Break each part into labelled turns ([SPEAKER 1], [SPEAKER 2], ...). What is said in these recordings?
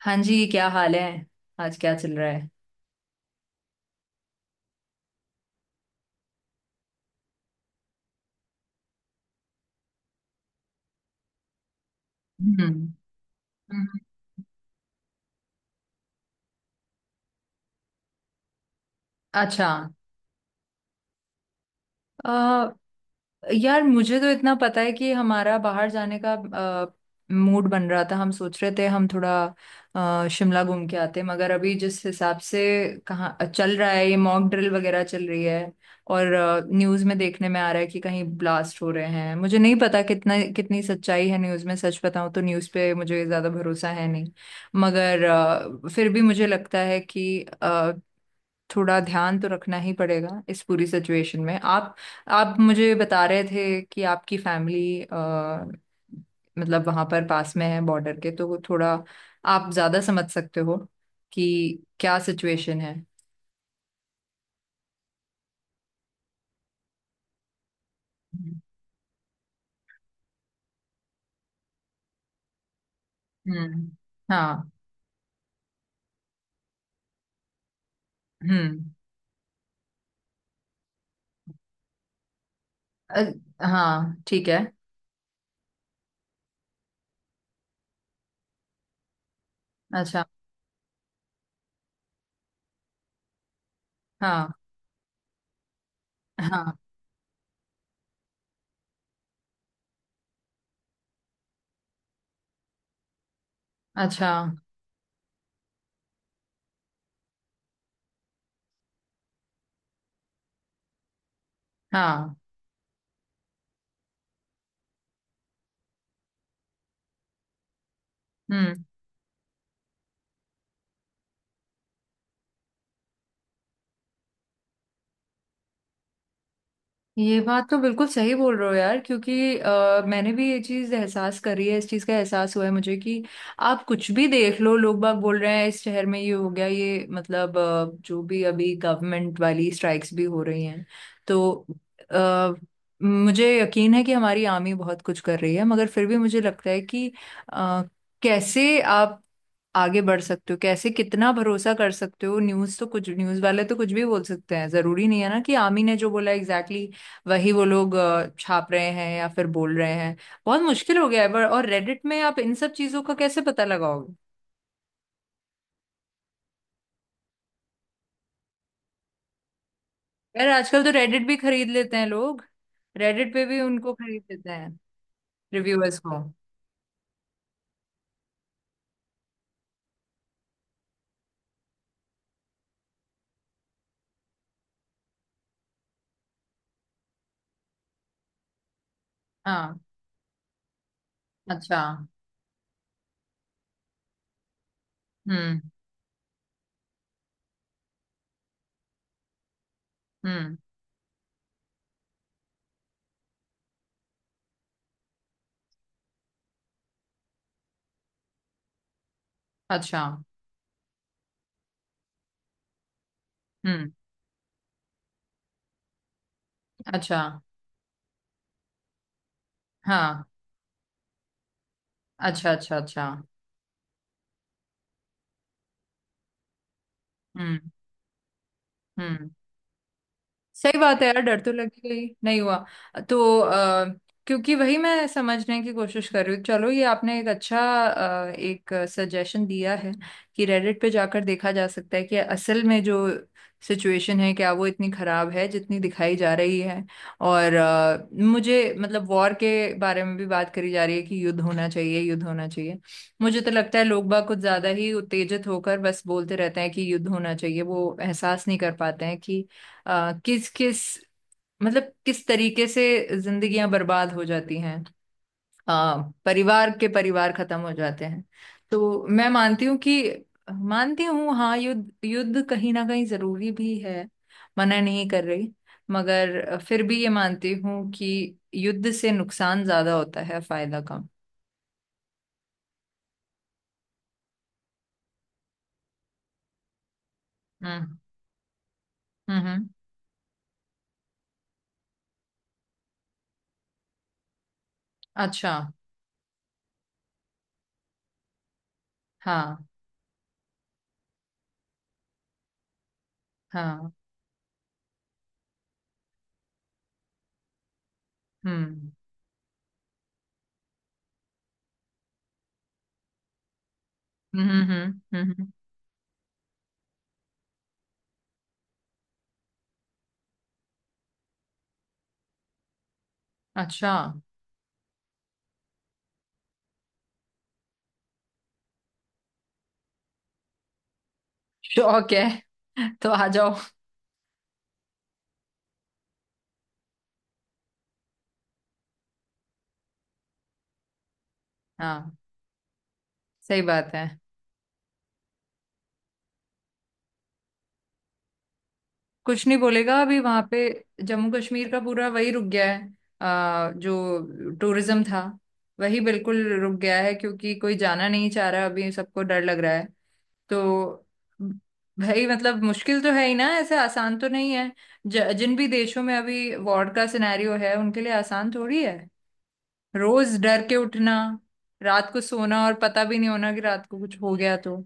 [SPEAKER 1] हाँ जी, क्या हाल है। आज क्या चल रहा है। हम्म। हम्म। अच्छा। अ, यार, मुझे तो इतना पता है कि हमारा बाहर जाने का मूड बन रहा था। हम सोच रहे थे हम थोड़ा शिमला घूम के आते, मगर अभी जिस हिसाब से कहाँ चल रहा है, ये मॉक ड्रिल वगैरह चल रही है, और न्यूज़ में देखने में आ रहा है कि कहीं ब्लास्ट हो रहे हैं। मुझे नहीं पता कितना कितनी सच्चाई है न्यूज़ में। सच बताऊं तो न्यूज़ पे मुझे ज़्यादा भरोसा है नहीं, मगर फिर भी मुझे लगता है कि थोड़ा ध्यान तो रखना ही पड़ेगा इस पूरी सिचुएशन में। आप मुझे बता रहे थे कि आपकी फैमिली मतलब वहां पर पास में है बॉर्डर के, तो थोड़ा आप ज्यादा समझ सकते हो कि क्या सिचुएशन है। हम्म। हाँ। हम्म। अ- हाँ, ठीक है। अच्छा। हाँ। हाँ। अच्छा। हाँ। हम्म। ये बात तो बिल्कुल सही बोल रहे हो, यार, क्योंकि मैंने भी ये चीज़ एहसास करी है, इस चीज़ का एहसास हुआ है मुझे कि आप कुछ भी देख लो, लोग बाग बोल रहे हैं इस शहर में ये हो गया, ये मतलब जो भी अभी गवर्नमेंट वाली स्ट्राइक्स भी हो रही हैं, तो अ, मुझे यकीन है कि हमारी आर्मी बहुत कुछ कर रही है, मगर फिर भी मुझे लगता है कि अ, कैसे आप आगे बढ़ सकते हो, कैसे कितना भरोसा कर सकते हो। न्यूज़ तो, कुछ न्यूज़ वाले तो कुछ भी बोल सकते हैं। जरूरी नहीं है ना कि आमी ने जो बोला एग्जैक्टली exactly वही वो लोग छाप रहे हैं या फिर बोल रहे हैं। बहुत मुश्किल हो गया है पर। और रेडिट में आप इन सब चीजों का कैसे पता लगाओगे? यार, आजकल तो रेडिट भी खरीद लेते हैं लोग। रेडिट पे भी उनको खरीद लेते हैं, रिव्यूअर्स को। हाँ। अच्छा। हम्म। हम्म। अच्छा। हम्म। अच्छा। हाँ। अच्छा। अच्छा। अच्छा। हम्म। हम्म। सही बात है, यार। डर तो लगेगा ही। नहीं हुआ तो क्योंकि वही मैं समझने की कोशिश कर रही हूँ। चलो, ये आपने एक अच्छा एक सजेशन दिया है कि रेडिट पे जाकर देखा जा सकता है कि असल में जो सिचुएशन है, क्या वो इतनी खराब है जितनी दिखाई जा रही है। और मुझे मतलब वॉर के बारे में भी बात करी जा रही है कि युद्ध होना चाहिए, युद्ध होना चाहिए। मुझे तो लगता है लोग बाग कुछ ज्यादा ही उत्तेजित होकर बस बोलते रहते हैं कि युद्ध होना चाहिए। वो एहसास नहीं कर पाते हैं कि किस किस, मतलब किस तरीके से जिंदगियां बर्बाद हो जाती हैं, परिवार के परिवार खत्म हो जाते हैं। तो मैं मानती हूँ कि मानती हूँ, हाँ, युद्ध युद्ध कहीं ना कहीं जरूरी भी है, मना नहीं कर रही, मगर फिर भी ये मानती हूँ कि युद्ध से नुकसान ज्यादा होता है, फायदा कम। हम्म। हम्म। हम्म। अच्छा। हाँ। हाँ। हम्म। हम्म। हम्म। हम्म। हम्म। हम्म। अच्छा। शौक है। तो आ जाओ। हाँ। सही बात है। कुछ नहीं बोलेगा। अभी वहां पे जम्मू कश्मीर का पूरा वही रुक गया है, जो टूरिज्म था वही बिल्कुल रुक गया है, क्योंकि कोई जाना नहीं चाह रहा, अभी सबको डर लग रहा है। तो भाई, मतलब मुश्किल तो है ही ना, ऐसे आसान तो नहीं है। जिन भी देशों में अभी वॉर का सिनेरियो है, उनके लिए आसान थोड़ी है। रोज डर के उठना, रात को सोना, और पता भी नहीं होना कि रात को कुछ हो गया तो।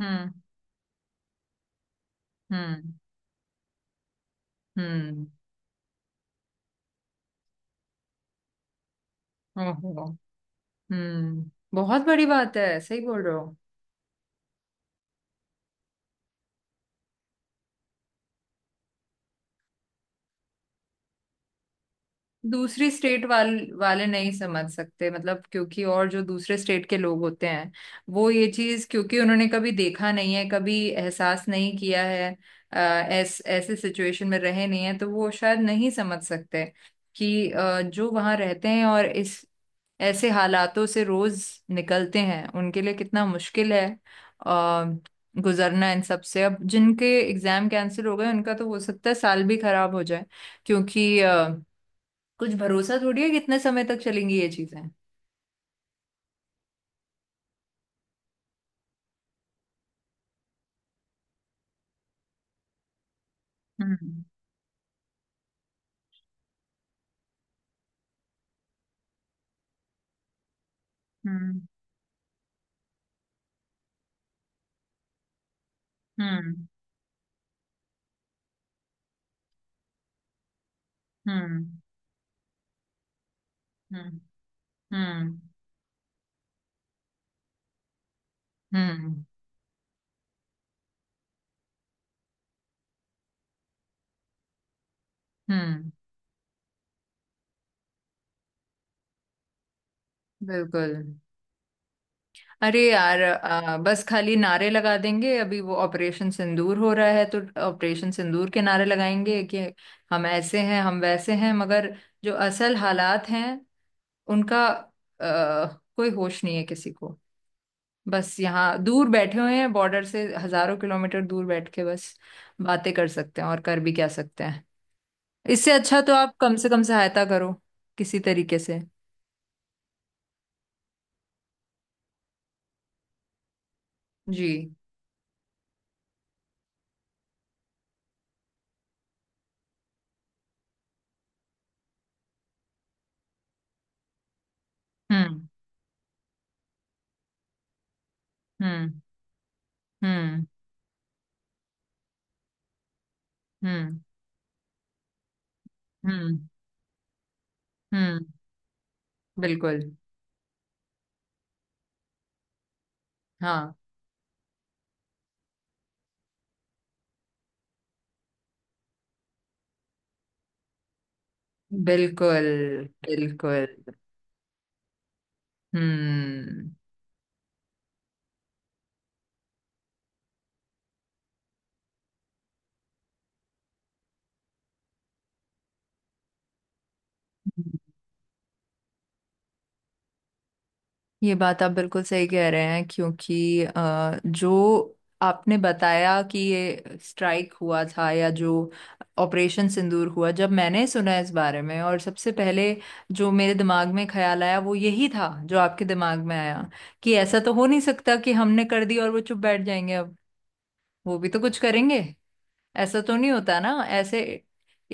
[SPEAKER 1] हम्म। हम्म। हम्म। ओहो। हम्म। बहुत बड़ी बात है, सही बोल रहे हो। दूसरी वाले नहीं समझ सकते, मतलब क्योंकि और जो दूसरे स्टेट के लोग होते हैं, वो ये चीज क्योंकि उन्होंने कभी देखा नहीं है, कभी एहसास नहीं किया है। ऐसे सिचुएशन में रहे नहीं है, तो वो शायद नहीं समझ सकते कि जो वहाँ रहते हैं और इस ऐसे हालातों से रोज निकलते हैं, उनके लिए कितना मुश्किल है आ, गुजरना इन सब से। अब जिनके एग्जाम कैंसिल हो गए, उनका तो हो सकता है साल भी खराब हो जाए, क्योंकि कुछ भरोसा थोड़ी है कितने समय तक चलेंगी ये चीजें। हम्म। हम्म। हम्म। हम्म। हम्म। हम्म। हम्म। हम्म। बिल्कुल। अरे यार, बस खाली नारे लगा देंगे। अभी वो ऑपरेशन सिंदूर हो रहा है तो ऑपरेशन सिंदूर के नारे लगाएंगे कि हम ऐसे हैं, हम वैसे हैं, मगर जो असल हालात हैं, उनका कोई होश नहीं है किसी को। बस यहाँ दूर बैठे हुए हैं, बॉर्डर से हजारों किलोमीटर दूर बैठ के बस बातें कर सकते हैं, और कर भी क्या सकते हैं। इससे अच्छा तो आप कम से कम सहायता करो किसी तरीके से। जी। हम्म। हम्म। हम्म। हम्म। हम्म। हम्म। बिल्कुल। हाँ। बिल्कुल। बिल्कुल। हम्म। ये बात आप बिल्कुल सही कह रहे हैं, क्योंकि जो आपने बताया कि ये स्ट्राइक हुआ था, या जो ऑपरेशन सिंदूर हुआ, जब मैंने सुना इस बारे में, और सबसे पहले जो मेरे दिमाग में ख्याल आया वो यही था जो आपके दिमाग में आया, कि ऐसा तो हो नहीं सकता कि हमने कर दी और वो चुप बैठ जाएंगे। अब वो भी तो कुछ करेंगे। ऐसा तो नहीं होता ना। ऐसे,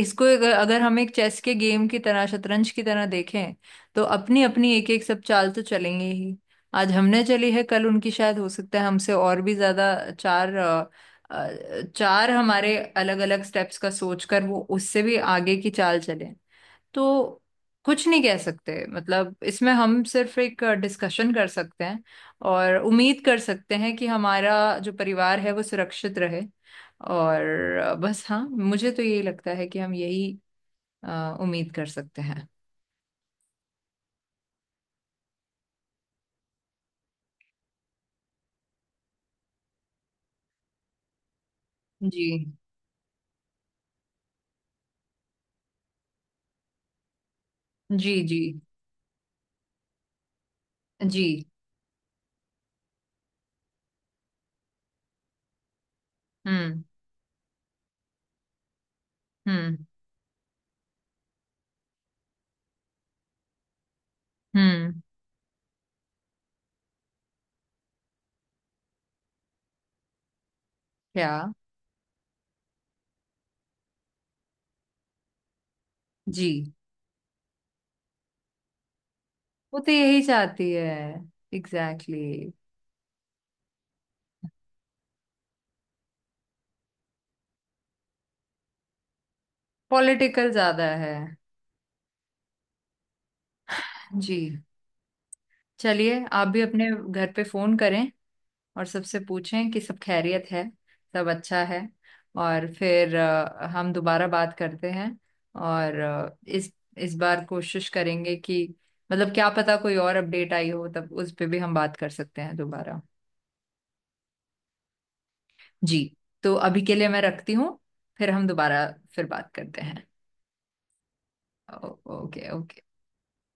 [SPEAKER 1] इसको अगर हम एक चेस के गेम की तरह, शतरंज की तरह देखें, तो अपनी अपनी एक एक सब चाल तो चलेंगे ही। आज हमने चली है, कल उनकी शायद हो सकता है हमसे और भी ज्यादा चार हमारे अलग अलग स्टेप्स का सोचकर वो उससे भी आगे की चाल चले। तो कुछ नहीं कह सकते, मतलब इसमें हम सिर्फ एक डिस्कशन कर सकते हैं और उम्मीद कर सकते हैं कि हमारा जो परिवार है वो सुरक्षित रहे। और बस, हाँ, मुझे तो यही लगता है कि हम यही उम्मीद कर सकते हैं। जी। जी। जी। जी। हम्म। हम्म। हम्म। क्या? जी। वो तो यही चाहती है। Exactly exactly। पॉलिटिकल ज्यादा है। जी। चलिए, आप भी अपने घर पे फोन करें और सबसे पूछें कि सब खैरियत है, सब अच्छा है। और फिर हम दोबारा बात करते हैं। और इस बार कोशिश करेंगे कि मतलब क्या पता कोई और अपडेट आई हो, तब उस पे भी हम बात कर सकते हैं दोबारा। जी। तो अभी के लिए मैं रखती हूँ। फिर हम दोबारा, फिर बात करते हैं। ओके। ओके।